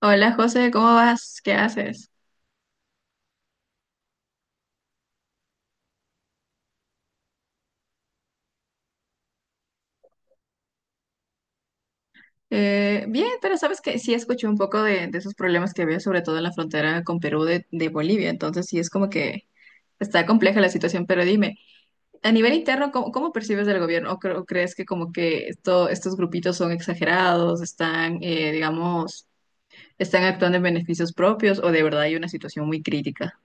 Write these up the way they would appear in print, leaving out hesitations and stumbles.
Hola José, ¿cómo vas? ¿Qué haces? Bien, pero sabes que sí escuché un poco de esos problemas que había, sobre todo en la frontera con Perú de Bolivia, entonces sí es como que está compleja la situación, pero dime, a nivel interno, ¿ cómo percibes del gobierno? ¿O, o crees que como que estos grupitos son exagerados, están, digamos, están actuando en beneficios propios o de verdad hay una situación muy crítica?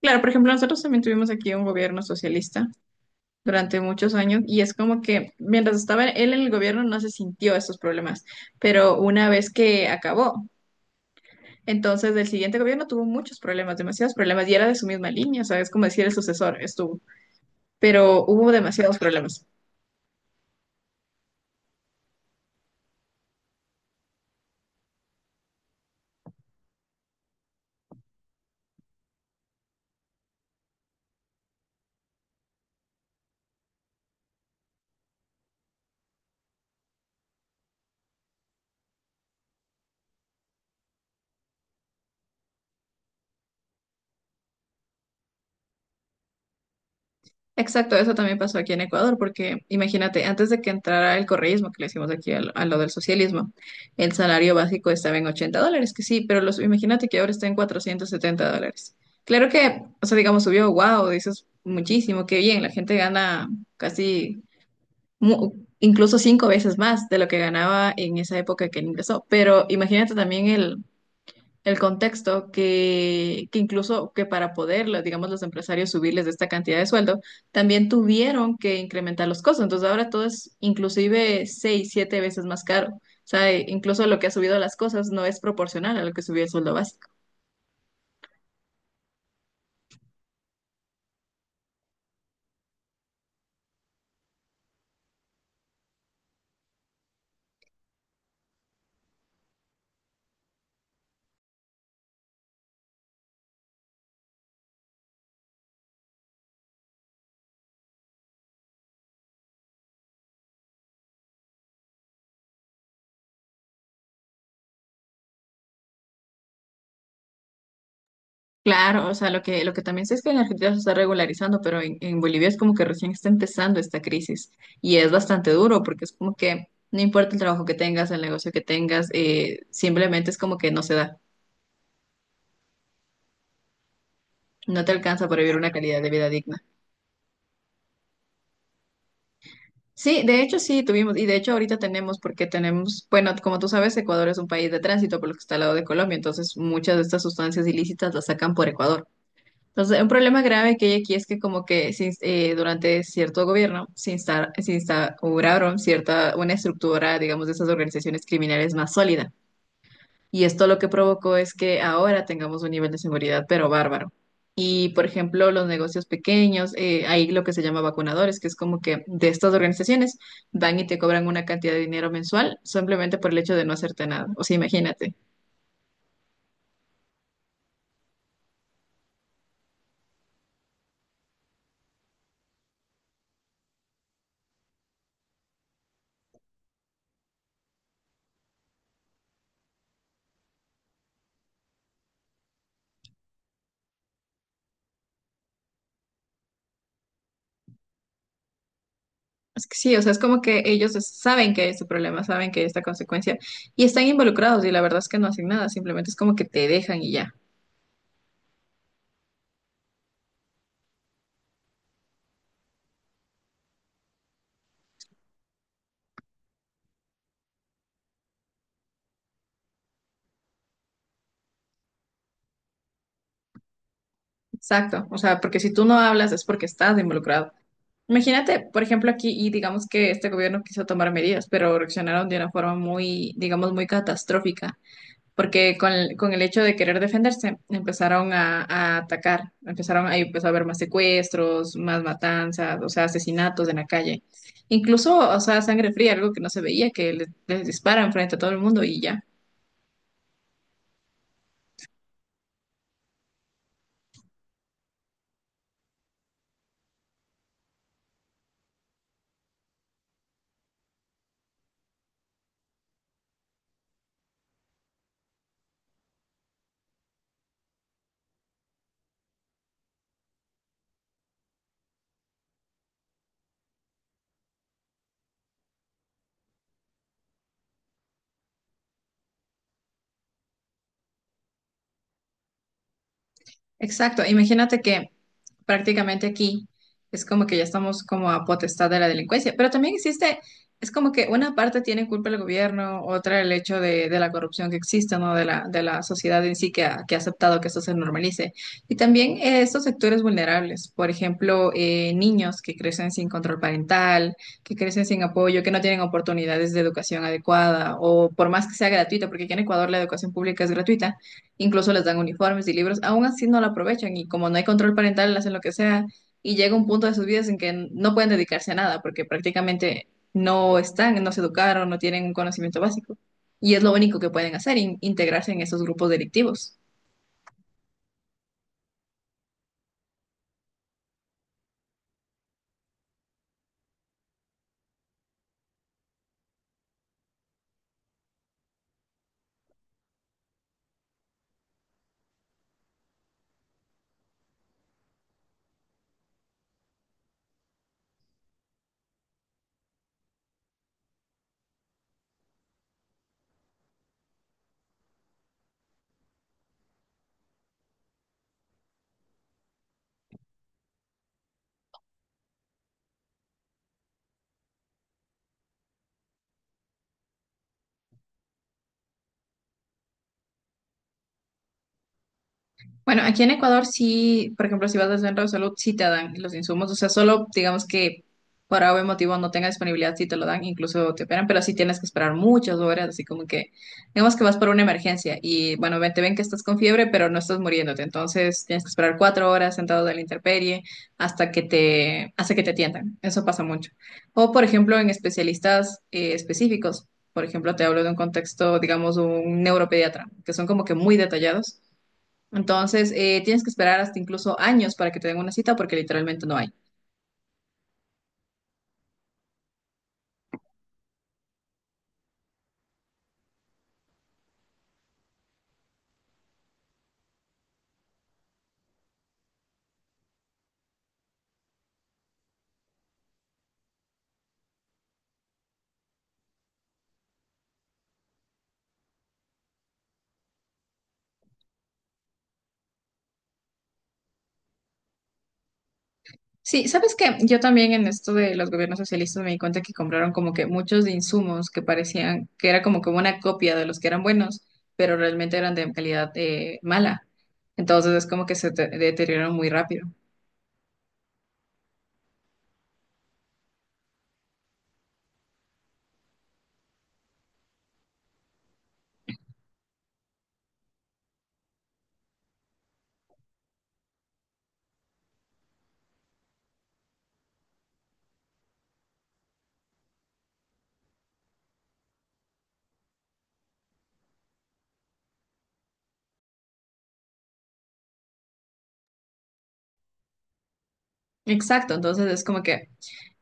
Claro, por ejemplo, nosotros también tuvimos aquí un gobierno socialista durante muchos años y es como que mientras estaba él en el gobierno no se sintió estos problemas, pero una vez que acabó, entonces el siguiente gobierno tuvo muchos problemas, demasiados problemas y era de su misma línea, o sea, es como decir el sucesor estuvo, pero hubo demasiados problemas. Exacto, eso también pasó aquí en Ecuador, porque imagínate, antes de que entrara el correísmo, que le hicimos aquí a lo del socialismo, el salario básico estaba en $80, que sí, pero los, imagínate que ahora está en $470. Claro que, o sea, digamos, subió, wow, dices muchísimo, qué bien, la gente gana casi, mu- incluso cinco veces más de lo que ganaba en esa época que él ingresó, pero imagínate también el contexto que incluso que para poder, digamos, los empresarios subirles esta cantidad de sueldo, también tuvieron que incrementar los costos. Entonces ahora todo es inclusive seis, siete veces más caro. O sea, incluso lo que ha subido las cosas no es proporcional a lo que subió el sueldo básico. Claro, o sea, lo que también sé es que en Argentina se está regularizando, pero en Bolivia es como que recién está empezando esta crisis y es bastante duro porque es como que no importa el trabajo que tengas, el negocio que tengas, simplemente es como que no se da. No te alcanza para vivir una calidad de vida digna. Sí, de hecho sí tuvimos, y de hecho ahorita tenemos, porque tenemos, bueno, como tú sabes, Ecuador es un país de tránsito por lo que está al lado de Colombia, entonces muchas de estas sustancias ilícitas las sacan por Ecuador. Entonces, un problema grave que hay aquí es que como que durante cierto gobierno se instauraron cierta, una estructura, digamos, de esas organizaciones criminales más sólida. Y esto lo que provocó es que ahora tengamos un nivel de seguridad, pero bárbaro. Y, por ejemplo, los negocios pequeños, hay lo que se llama vacunadores, que es como que de estas organizaciones van y te cobran una cantidad de dinero mensual simplemente por el hecho de no hacerte nada. O sea, imagínate. Es que sí, o sea, es como que saben que hay este problema, saben que hay esta consecuencia y están involucrados y la verdad es que no hacen nada, simplemente es como que te dejan y ya. Exacto. O sea, porque si tú no hablas es porque estás involucrado. Imagínate, por ejemplo, aquí, y digamos que este gobierno quiso tomar medidas, pero reaccionaron de una forma muy, digamos, muy catastrófica, porque con el hecho de querer defenderse, empezaron a atacar, empezaron ahí empezó a haber más secuestros, más matanzas, o sea, asesinatos en la calle. Incluso, o sea, sangre fría, algo que no se veía, que les disparan frente a todo el mundo y ya. Exacto, imagínate que prácticamente aquí es como que ya estamos como a potestad de la delincuencia, pero también existe, es como que una parte tiene culpa el gobierno, otra el hecho de la corrupción que existe, ¿no? De de la sociedad en sí que ha aceptado que esto se normalice. Y también estos sectores vulnerables, por ejemplo, niños que crecen sin control parental, que crecen sin apoyo, que no tienen oportunidades de educación adecuada, o por más que sea gratuita, porque aquí en Ecuador la educación pública es gratuita incluso les dan uniformes y libros, aún así no la aprovechan y como no hay control parental, hacen lo que sea y llega un punto de sus vidas en que no pueden dedicarse a nada porque prácticamente no están, no se educaron, no tienen un conocimiento básico y es lo único que pueden hacer, integrarse en esos grupos delictivos. Bueno, aquí en Ecuador sí, por ejemplo, si vas al centro de salud, sí te dan los insumos, o sea, solo digamos que por algún motivo no tenga disponibilidad, sí te lo dan, incluso te operan, pero sí tienes que esperar muchas horas, así como que, digamos que vas por una emergencia y bueno, te ven que estás con fiebre, pero no estás muriéndote, entonces tienes que esperar 4 horas sentado en la intemperie hasta que te atiendan, eso pasa mucho. O por ejemplo, en especialistas específicos, por ejemplo, te hablo de un contexto, digamos, un neuropediatra, que son como que muy detallados entonces, tienes que esperar hasta incluso años para que te den una cita porque literalmente no hay. Sí, ¿sabes qué? Yo también en esto de los gobiernos socialistas me di cuenta que compraron como que muchos de insumos que parecían que era como que una copia de los que eran buenos, pero realmente eran de calidad mala. Entonces es como que deterioraron muy rápido. Exacto, entonces es como que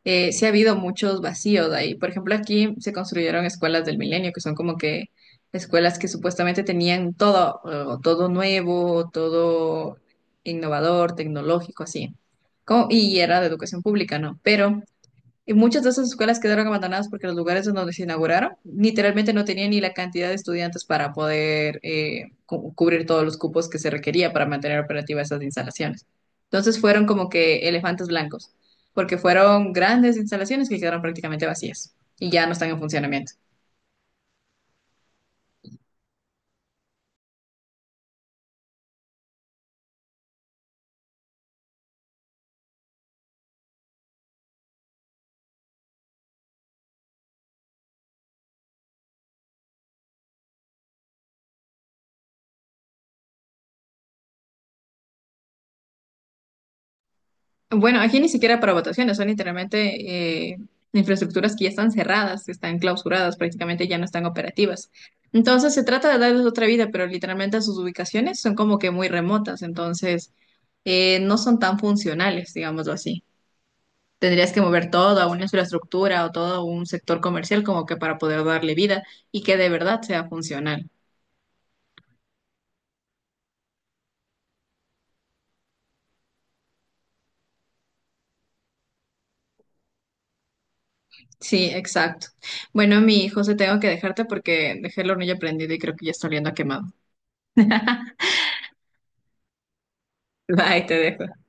sí ha habido muchos vacíos ahí. Por ejemplo, aquí se construyeron escuelas del milenio, que son como que escuelas que supuestamente tenían todo, todo nuevo, todo innovador, tecnológico, así. Y era de educación pública, ¿no? Pero y muchas de esas escuelas quedaron abandonadas porque los lugares en donde se inauguraron literalmente no tenían ni la cantidad de estudiantes para poder cubrir todos los cupos que se requería para mantener operativas esas instalaciones. Entonces fueron como que elefantes blancos, porque fueron grandes instalaciones que quedaron prácticamente vacías y ya no están en funcionamiento. Bueno, aquí ni siquiera para votaciones, son literalmente infraestructuras que ya están cerradas, que están clausuradas, prácticamente ya no están operativas. Entonces se trata de darles otra vida, pero literalmente sus ubicaciones son como que muy remotas, entonces no son tan funcionales, digámoslo así. Tendrías que mover todo a una infraestructura o todo a un sector comercial como que para poder darle vida y que de verdad sea funcional. Sí, exacto. Bueno, mi hijo, se tengo que dejarte porque dejé el hornillo prendido y creo que ya está oliendo a quemado. Bye, te dejo.